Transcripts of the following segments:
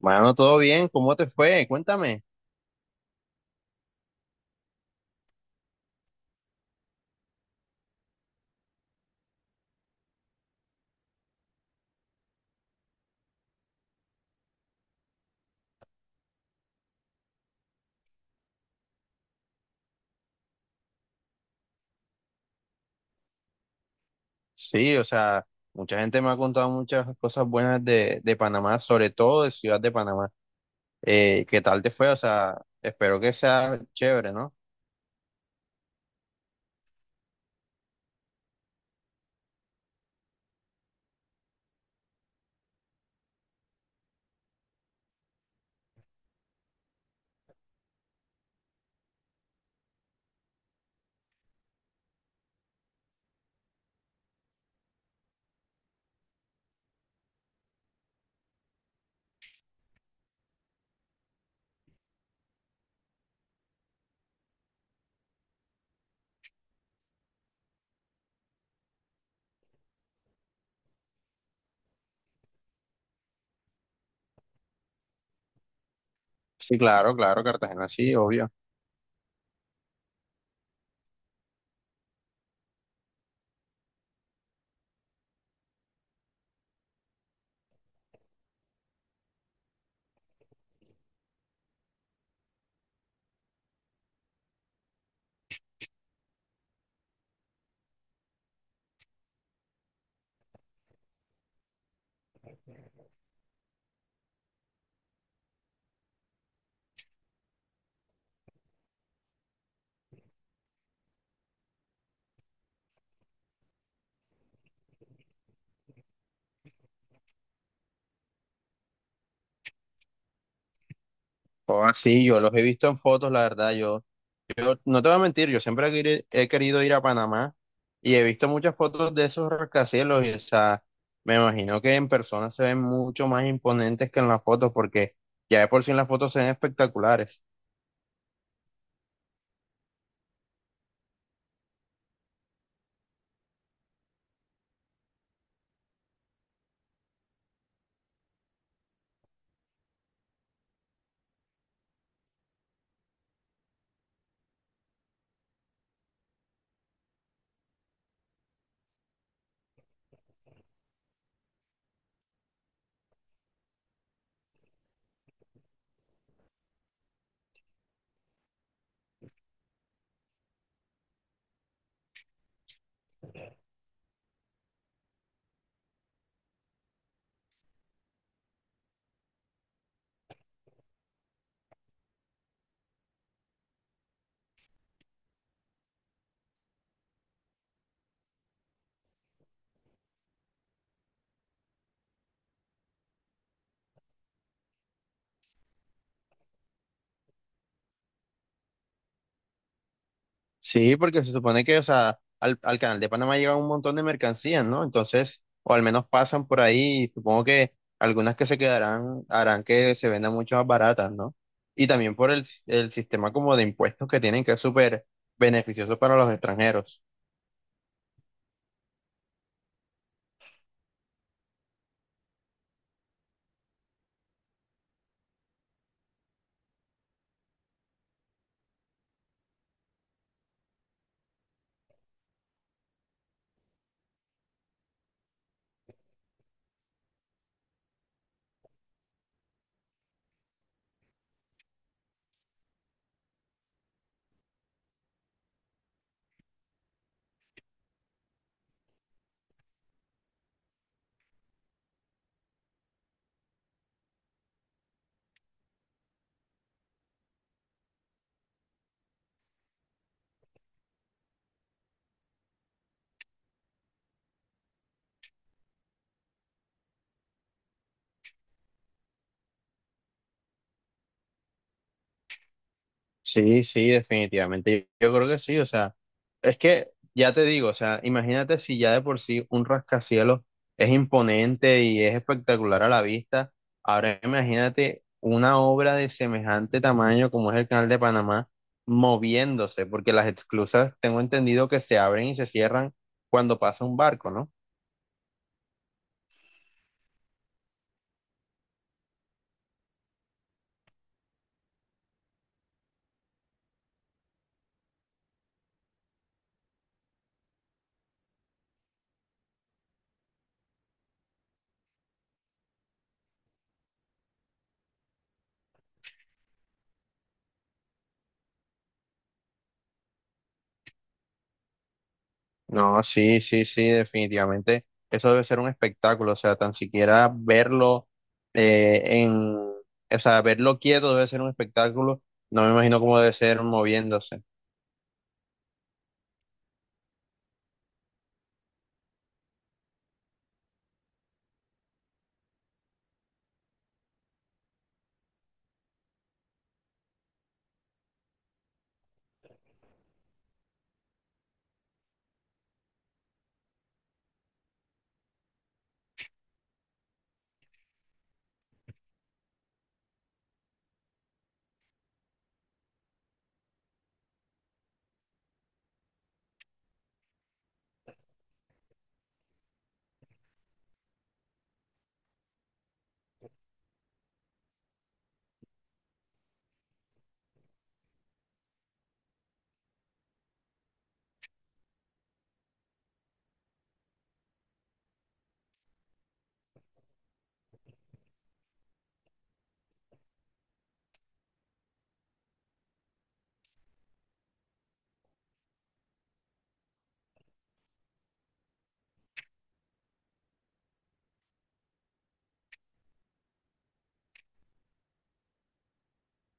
Mano, todo bien, ¿cómo te fue? Cuéntame. Sí, o sea, mucha gente me ha contado muchas cosas buenas de Panamá, sobre todo de Ciudad de Panamá. ¿Qué tal te fue? O sea, espero que sea chévere, ¿no? Sí, claro, claro, Cartagena, sí, obvio. O así, yo los he visto en fotos, la verdad, yo no te voy a mentir, yo siempre he querido ir a Panamá y he visto muchas fotos de esos rascacielos y, o sea, me imagino que en persona se ven mucho más imponentes que en las fotos porque ya de por sí en las fotos se ven espectaculares. Sí, porque se supone que, o sea, al canal de Panamá llegan un montón de mercancías, ¿no? Entonces, o al menos pasan por ahí, supongo que algunas que se quedarán harán que se vendan mucho más baratas, ¿no? Y también por el sistema como de impuestos que tienen, que es súper beneficioso para los extranjeros. Sí, sí, definitivamente. Yo, creo que sí, o sea, es que ya te digo, o sea, imagínate si ya de por sí un rascacielos es imponente y es espectacular a la vista, ahora imagínate una obra de semejante tamaño como es el Canal de Panamá moviéndose, porque las esclusas tengo entendido que se abren y se cierran cuando pasa un barco, ¿no? No, sí, sí, sí, definitivamente. Eso debe ser un espectáculo, o sea, tan siquiera verlo en, o sea, verlo quieto debe ser un espectáculo. No me imagino cómo debe ser moviéndose.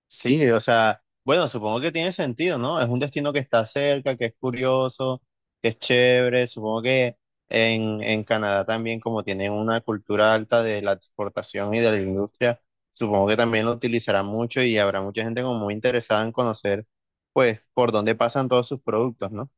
Sí, o sea, bueno, supongo que tiene sentido, ¿no? Es un destino que está cerca, que es curioso, que es chévere. Supongo que en Canadá también, como tienen una cultura alta de la exportación y de la industria, supongo que también lo utilizarán mucho y habrá mucha gente como muy interesada en conocer, pues, por dónde pasan todos sus productos, ¿no?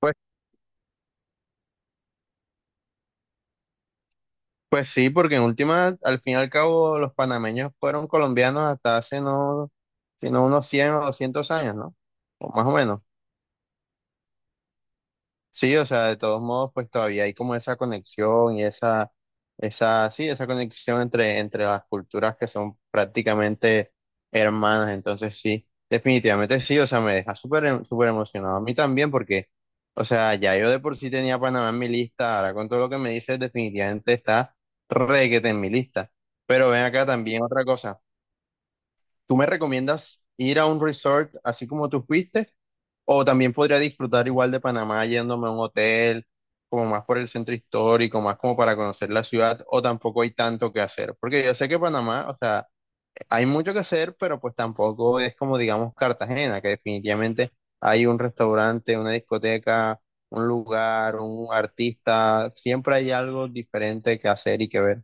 Pues, pues sí, porque en última, al fin y al cabo, los panameños fueron colombianos hasta hace no, sino unos 100 o 200 años, ¿no? O más o menos. Sí, o sea, de todos modos, pues todavía hay como esa conexión y esa, sí, esa conexión entre, entre las culturas que son prácticamente hermanas. Entonces, sí, definitivamente sí, o sea, me deja súper emocionado a mí también porque, o sea, ya yo de por sí tenía Panamá en mi lista, ahora con todo lo que me dices, definitivamente está requete en mi lista. Pero ven acá también otra cosa. ¿Tú me recomiendas ir a un resort así como tú fuiste? ¿O también podría disfrutar igual de Panamá yéndome a un hotel, como más por el centro histórico, más como para conocer la ciudad? ¿O tampoco hay tanto que hacer? Porque yo sé que Panamá, o sea, hay mucho que hacer, pero pues tampoco es como, digamos, Cartagena, que definitivamente hay un restaurante, una discoteca, un lugar, un artista, siempre hay algo diferente que hacer y que ver.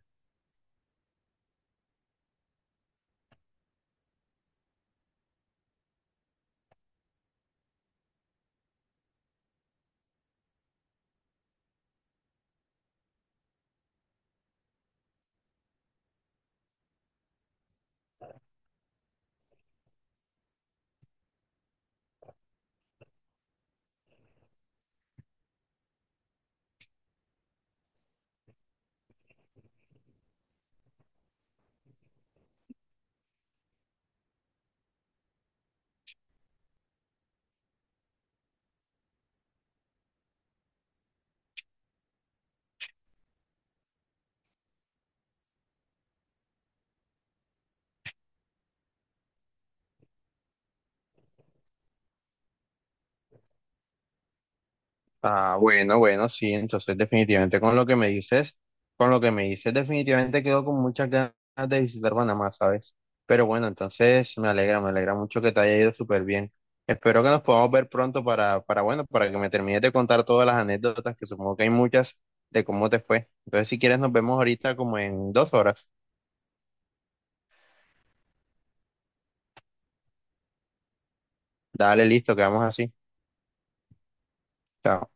Ah, bueno, bueno, sí, entonces definitivamente con lo que me dices, con lo que me dices, definitivamente quedo con muchas ganas de visitar Panamá, ¿sabes? Pero bueno, entonces me alegra mucho que te haya ido súper bien. Espero que nos podamos ver pronto para que me termines de contar todas las anécdotas, que supongo que hay muchas de cómo te fue. Entonces, si quieres, nos vemos ahorita como en 2 horas. Dale, listo, quedamos así. Chao.